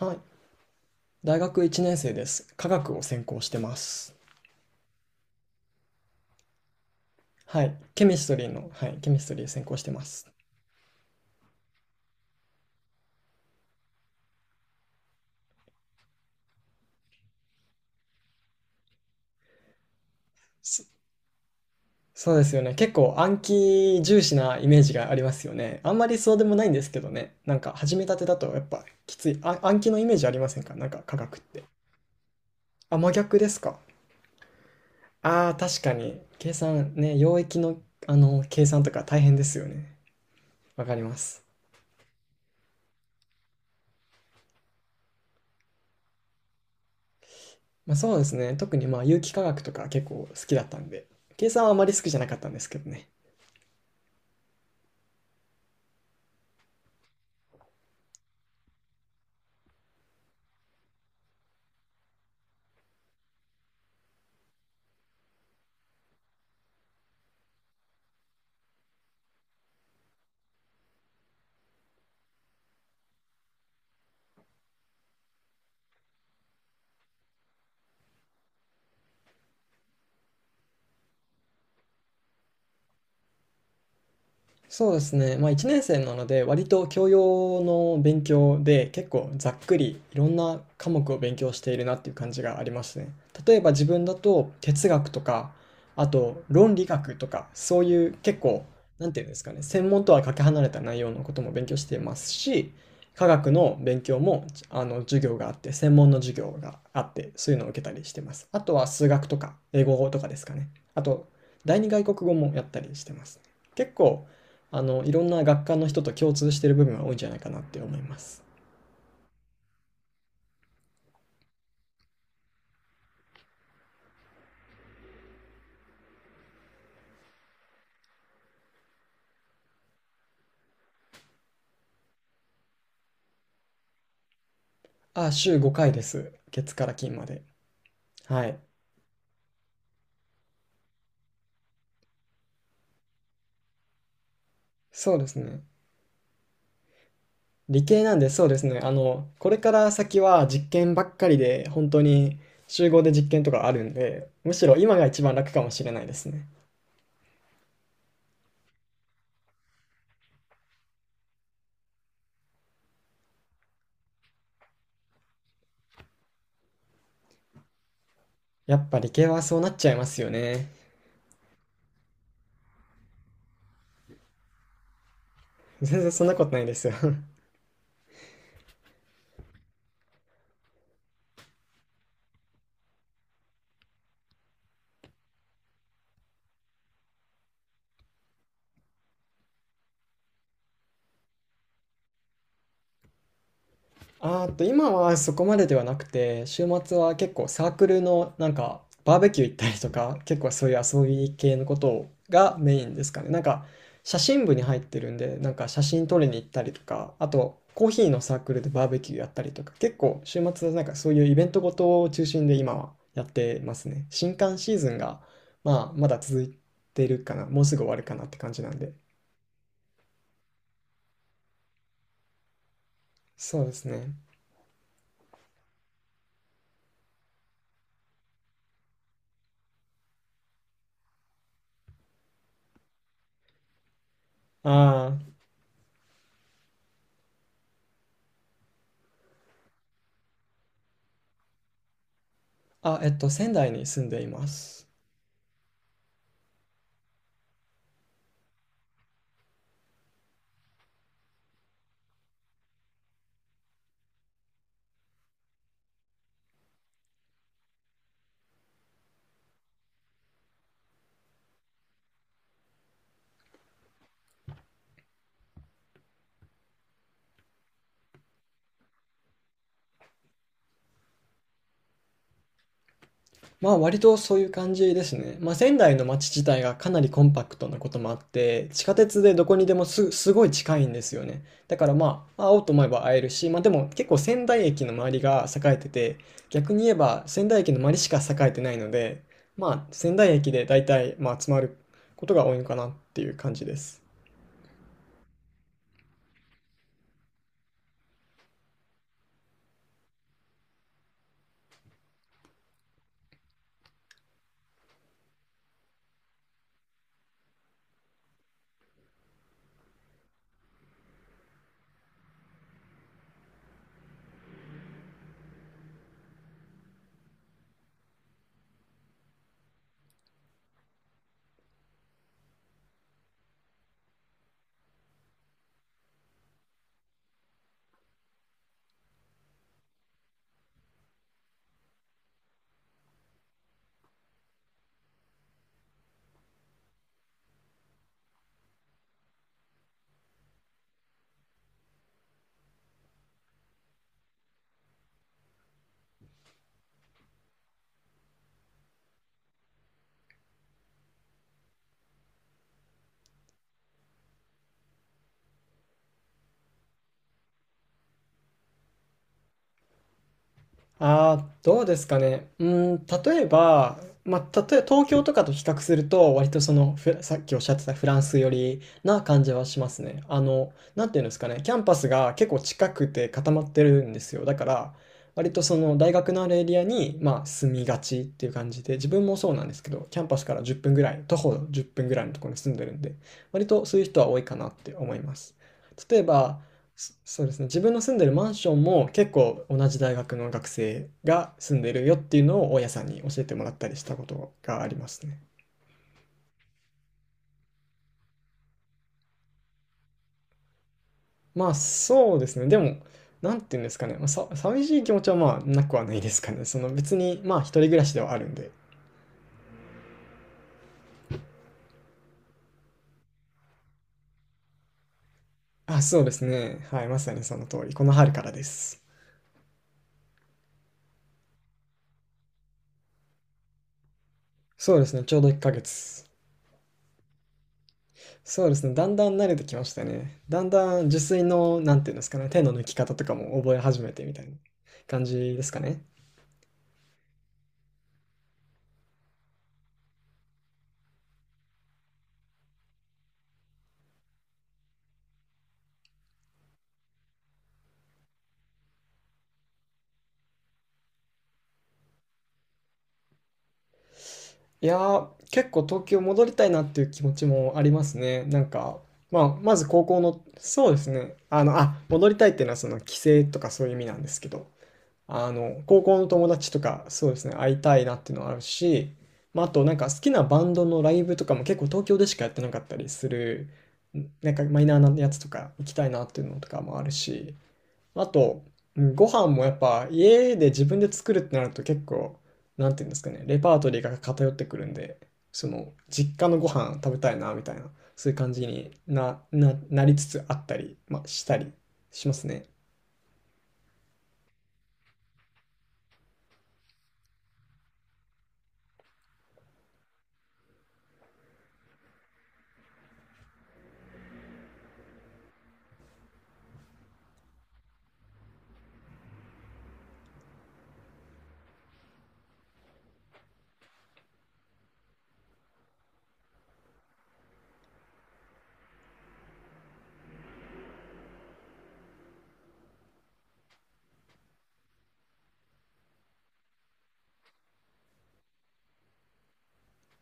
はい。大学1年生です。化学を専攻してます。はい。ケミストリーの、はい、ケミストリー専攻してます。そ、そうですよね。結構暗記重視なイメージがありますよね。あんまりそうでもないんですけどね。なんか始めたてだとやっぱきつい。あ、暗記のイメージありませんか、なんか化学って。あ、真逆ですか。ああ、確かに。計算ね、溶液の、計算とか大変ですよね。わかります。まあそうですね。特にまあ有機化学とか結構好きだったんで。計算はあまり好きじゃなかったんですけどね。そうですね、まあ、1年生なので割と教養の勉強で結構ざっくりいろんな科目を勉強しているなっていう感じがありますね。例えば自分だと哲学とか、あと論理学とか、そういう結構、なんていうんですかね専門とはかけ離れた内容のことも勉強していますし、科学の勉強も、授業があって、専門の授業があって、そういうのを受けたりしてます。あとは数学とか英語とかですかね。あと第二外国語もやったりしてますね。結構いろんな学科の人と共通してる部分は多いんじゃないかなって思います。あ、週5回です。月から金まで。はい。そうですね。理系なんで、そうですね。これから先は実験ばっかりで、本当に集合で実験とかあるんで、むしろ今が一番楽かもしれないですね。やっぱ理系はそうなっちゃいますよね。全然そんなことないですよ あーっと今はそこまでではなくて、週末は結構サークルのなんかバーベキュー行ったりとか、結構そういう遊び系のことがメインですかね。なんか写真部に入ってるんで、なんか写真撮りに行ったりとか、あとコーヒーのサークルでバーベキューやったりとか、結構週末はなんかそういうイベントごとを中心で今はやってますね。新刊シーズンがまあまだ続いてるかな、もうすぐ終わるかなって感じなんで。そうですね。あーあ、仙台に住んでいます。まあ割とそういう感じですね。まあ仙台の街自体がかなりコンパクトなこともあって、地下鉄でどこにでもすごい近いんですよね。だからまあ会おうと思えば会えるし、まあでも結構仙台駅の周りが栄えてて、逆に言えば仙台駅の周りしか栄えてないので、まあ仙台駅で大体まあ集まることが多いのかなっていう感じです。あどうですかね。例えば、まあ、東京とかと比較すると、割とその、さっきおっしゃってたフランス寄りな感じはしますね。なんていうんですかね、キャンパスが結構近くて固まってるんですよ。だから、割とその大学のあるエリアに、まあ、住みがちっていう感じで、自分もそうなんですけど、キャンパスから1分ぐらい、徒歩10分ぐらいのところに住んでるんで、割とそういう人は多いかなって思います。例えば、そうですね。自分の住んでるマンションも結構同じ大学の学生が住んでるよっていうのを大家さんに教えてもらったりしたことがありますね。まあそうですね。でも、なんていうんですかね。まあ、寂しい気持ちはまあなくはないですかね。その別にまあ一人暮らしではあるんで。あ、そうですね。はい、まさにその通り。この春からです。そうですね。ちょうど1ヶ月。そうですね。だんだん慣れてきましたね。だんだん受水の、なんていうんですかね。手の抜き方とかも覚え始めてみたいな感じですかね。いやー、結構東京戻りたいなっていう気持ちもありますね。なんか、まあ、まず高校の、そうですね。あの、あ、戻りたいっていうのはその帰省とかそういう意味なんですけど、あの、高校の友達とか、そうですね、会いたいなっていうのはあるし、まあ、あとなんか好きなバンドのライブとかも結構東京でしかやってなかったりする、なんかマイナーなやつとか行きたいなっていうのとかもあるし、あと、うんご飯もやっぱ家で自分で作るってなると結構、なんていうんですかね、レパートリーが偏ってくるんで、その実家のご飯食べたいなみたいな、そういう感じになりつつあったり、まあ、したりしますね。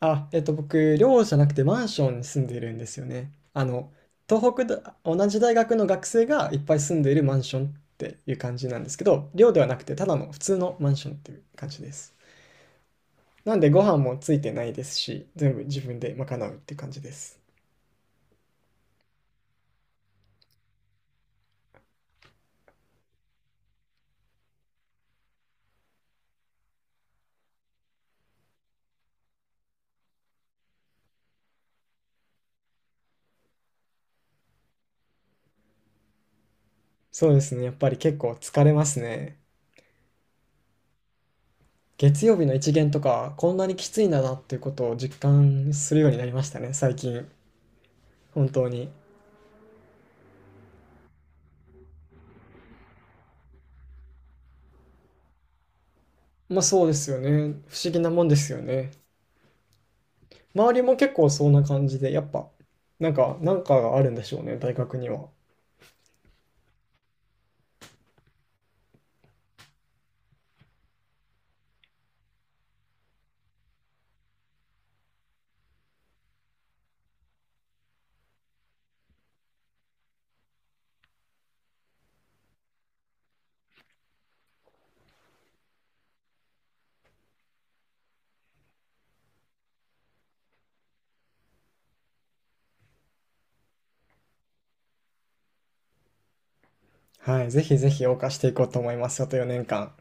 あ、僕、寮じゃなくてマンションに住んでいるんですよね。あの、東北だ、同じ大学の学生がいっぱい住んでいるマンションっていう感じなんですけど、寮ではなくてただの普通のマンションっていう感じです。なんでご飯もついてないですし、全部自分で賄うって感じです。そうですね。やっぱり結構疲れますね。月曜日の一限とか、こんなにきついんだなっていうことを実感するようになりましたね、最近。本当に。まあそうですよね。不思議なもんですよね。周りも結構そんな感じで、やっぱ、なんかがあるんでしょうね、大学には。はい。ぜひぜひ謳歌していこうと思います。あと4年間。